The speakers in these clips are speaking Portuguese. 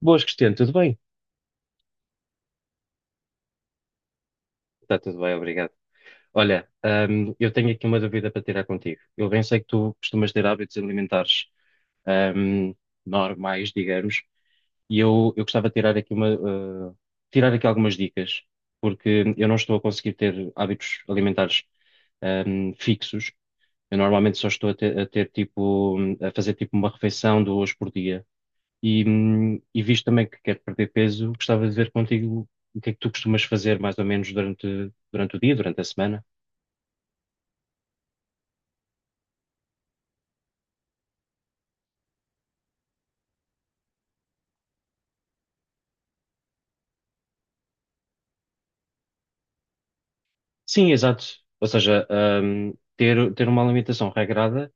Boas, Cristiano, tudo bem? Está tudo bem, obrigado. Olha, eu tenho aqui uma dúvida para tirar contigo. Eu bem sei que tu costumas ter hábitos alimentares, hum, normais, digamos, e eu gostava de uh, tirar aqui algumas dicas, porque eu não estou a conseguir ter hábitos alimentares, fixos. Eu normalmente só estou a ter tipo, a fazer tipo uma refeição duas por dia. E visto também que quero perder peso, gostava de ver contigo o que é que tu costumas fazer mais ou menos durante o dia, durante a semana. Sim, exato. Ou seja, ter uma alimentação regrada,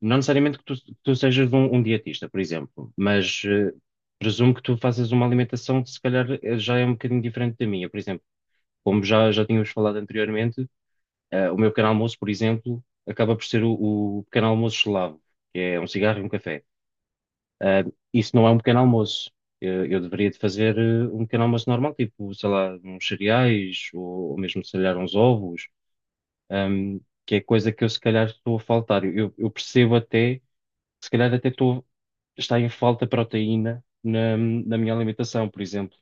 não necessariamente que tu sejas um dietista, por exemplo, mas presumo que tu faças uma alimentação que se calhar já é um bocadinho diferente da minha. Por exemplo, como já tínhamos falado anteriormente, o meu pequeno almoço, por exemplo, acaba por ser o pequeno almoço eslavo, que é um cigarro e um café. Ah, isso não é um pequeno almoço. Eu deveria de fazer um pequeno almoço normal, tipo, sei lá, uns cereais ou mesmo, se calhar, uns ovos, ahm, que é coisa que eu, se calhar, estou a faltar. Eu percebo até, se calhar, até estou, está em falta proteína na minha alimentação, por exemplo.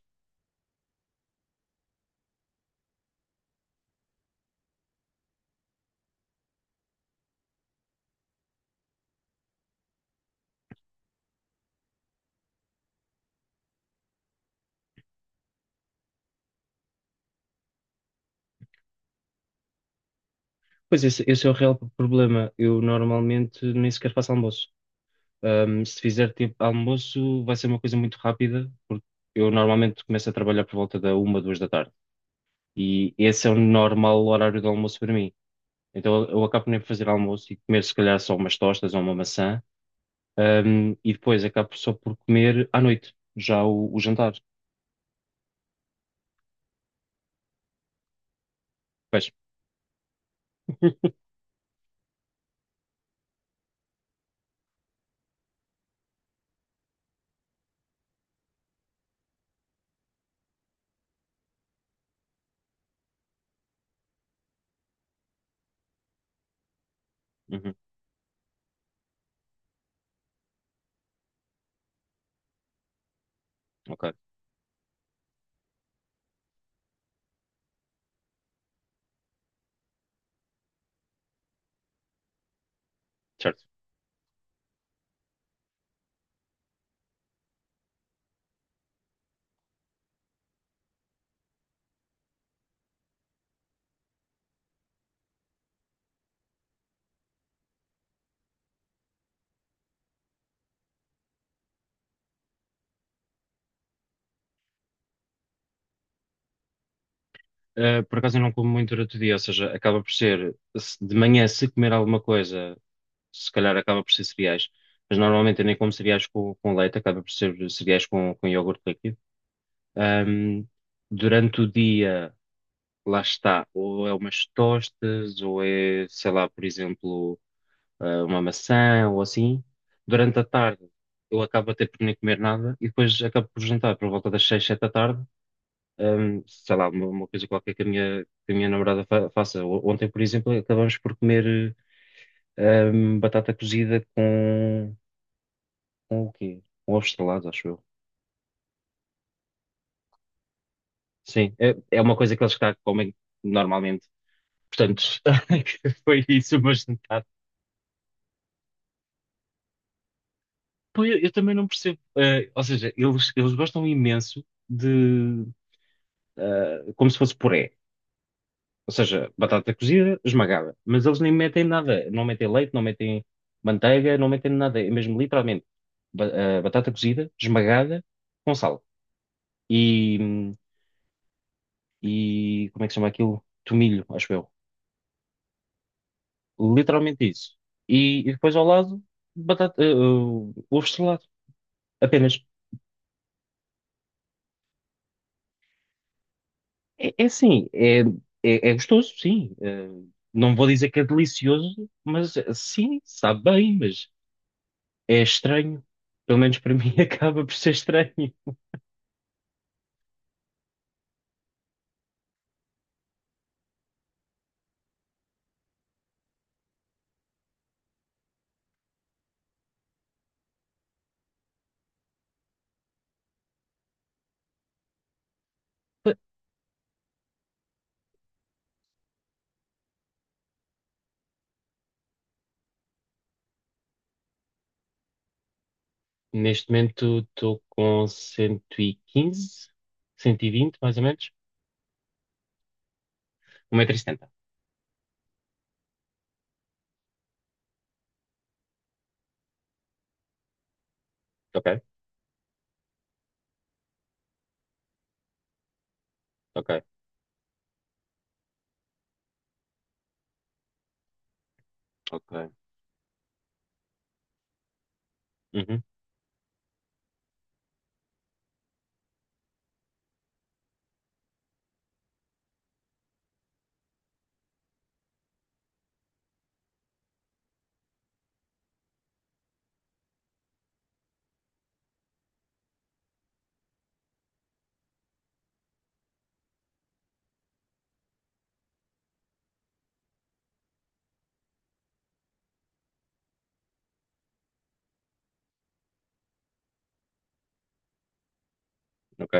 Pois esse é o real problema. Eu normalmente nem sequer faço almoço. Se fizer tipo almoço, vai ser uma coisa muito rápida, porque eu normalmente começo a trabalhar por volta da uma, duas da tarde. E esse é o normal horário do almoço para mim. Então eu acabo nem por fazer almoço e comer se calhar só umas tostas ou uma maçã, e depois acabo só por comer à noite, já o jantar. Pois, uhum, ok, certo. Ah, por acaso eu não como muito durante o dia, ou seja, acaba por ser, de manhã se comer alguma coisa, se calhar acaba por ser cereais, mas normalmente eu nem como cereais com leite, acaba por ser cereais com iogurte líquido. Ahm, Durante o dia. Lá está, ou é umas tostas, ou é, sei lá, por exemplo, ah, uma maçã ou assim. Durante a tarde eu acabo até por nem comer nada e depois acabo por jantar por volta das seis, sete da tarde, sei lá, uma coisa qualquer que que a minha namorada faça. Ontem, por exemplo, acabamos por comer batata cozida com o quê? Com ovos estrelados, acho eu. Sim, é uma coisa que eles cá comem normalmente. Portanto, foi isso, mas. Pô, eu também não percebo. Ou seja, eles gostam imenso de. Como se fosse puré. Ou seja, batata cozida, esmagada. Mas eles nem metem nada. Não metem leite, não metem manteiga, não metem nada. É mesmo literalmente batata cozida, esmagada, com sal. E, Como é que se chama aquilo? Tomilho, acho eu. Literalmente isso. E depois ao lado, batata, ovo estrelado. Apenas. É assim, é gostoso, sim. Não vou dizer que é delicioso, mas sim, sabe bem, mas é estranho. Pelo menos para mim acaba por ser estranho. Neste momento estou com cento e quinze, 120, mais ou menos. 1,70 m. Ok, ok, ok. Uhum, ok.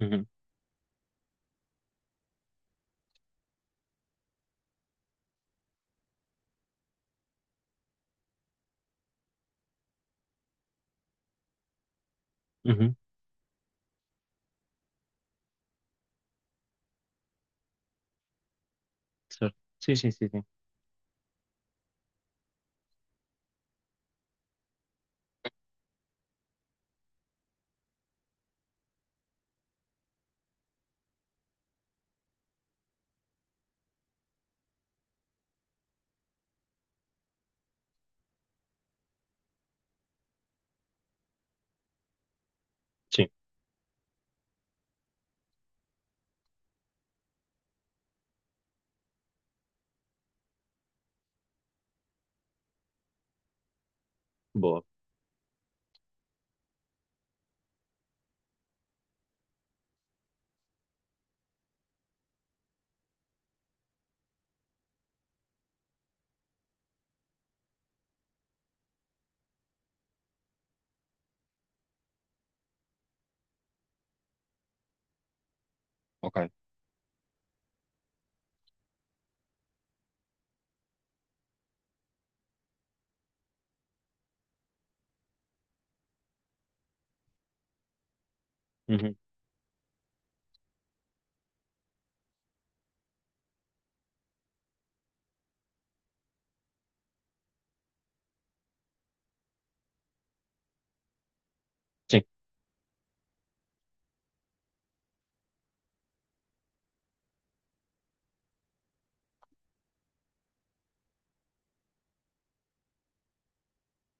Uhum, uhum. Certo. Sim, sim, sim, sim. Sim, boa. Ok. Uhum. Sim,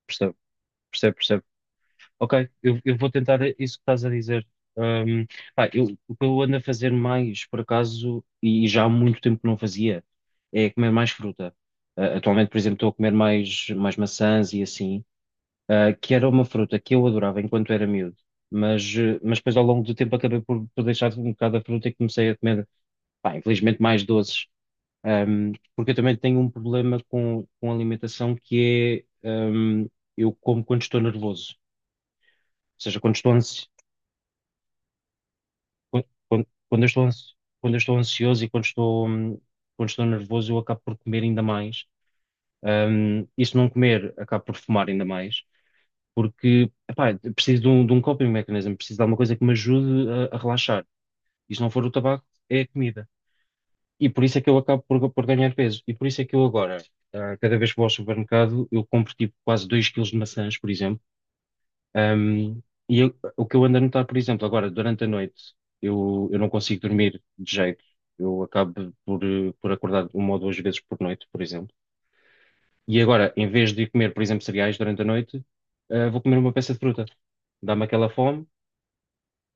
percebo, percebo. Ok, eu vou tentar isso que estás a dizer. Um, Pá, eu, o que eu ando a fazer mais, por acaso, e já há muito tempo que não fazia, é comer mais fruta. Atualmente, por exemplo, estou a comer mais maçãs e assim, que era uma fruta que eu adorava enquanto era miúdo, mas depois ao longo do tempo acabei por deixar um bocado a fruta e comecei a comer, pá, infelizmente, mais doces. Porque eu também tenho um problema com alimentação que é, eu como quando estou nervoso. Ou seja, quando, quando eu estou, ans- quando eu estou ansioso e quando estou nervoso, eu acabo por comer ainda mais. E se não comer, acabo por fumar ainda mais, porque, epá, eu preciso de um coping mechanism, preciso de alguma coisa que me ajude a relaxar. E se não for o tabaco, é a comida. E por isso é que eu acabo por ganhar peso. E por isso é que eu agora, ah, cada vez que vou ao supermercado, eu compro tipo quase 2 quilos de maçãs, por exemplo um, e o que eu ando a notar, por exemplo, agora, durante a noite, eu não consigo dormir de jeito. Eu acabo por acordar uma ou duas vezes por noite, por exemplo. E agora, em vez de comer, por exemplo, cereais durante a noite, vou comer uma peça de fruta. Dá-me aquela fome,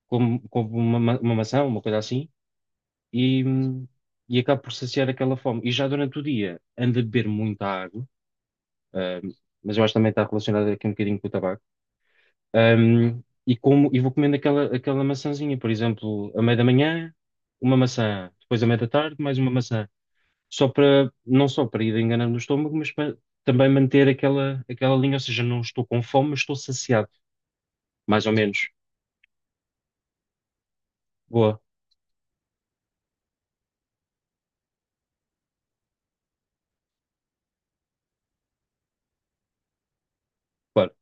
como uma maçã, uma coisa assim, e, hum, e acabo por saciar aquela fome. E já durante o dia, ando a beber muita água, ah, mas eu acho que também está relacionado aqui um bocadinho com o tabaco. E como e vou comendo aquela maçãzinha, por exemplo, à meia da manhã, uma maçã, depois à meia da tarde, mais uma maçã, só para não só para ir enganando o estômago, mas para também manter aquela linha, ou seja, não estou com fome, mas estou saciado, mais ou menos. Boa, claro,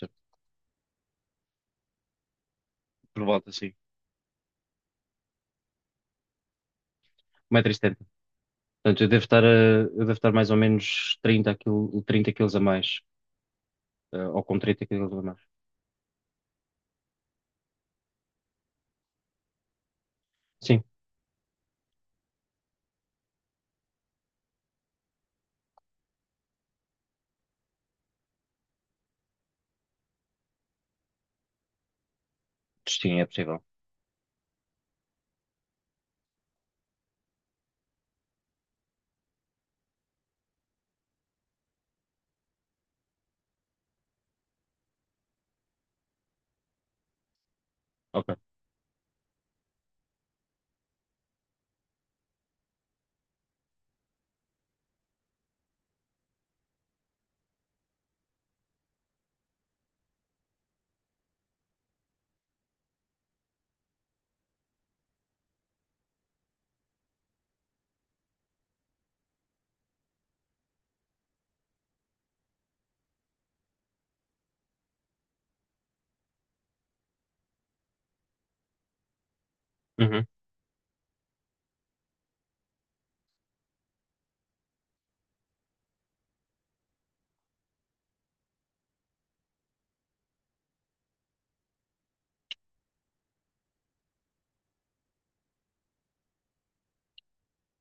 já, por volta assim, 1,70 m. Portanto, eu devo estar mais ou menos trinta quilos a mais, ou com 30 quilos a mais. Sim, sim, é possível. Ok. Uhum.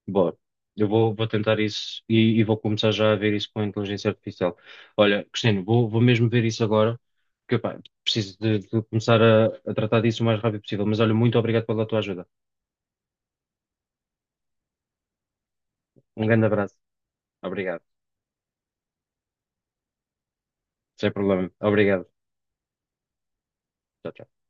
Bora. Eu vou tentar isso e vou começar já a ver isso com a inteligência artificial. Olha, Cristino, vou mesmo ver isso agora, porque pá, preciso de começar a tratar disso o mais rápido possível. Mas olha, muito obrigado pela tua ajuda. Um grande abraço. Obrigado. Sem problema. Obrigado. Tchau, tchau.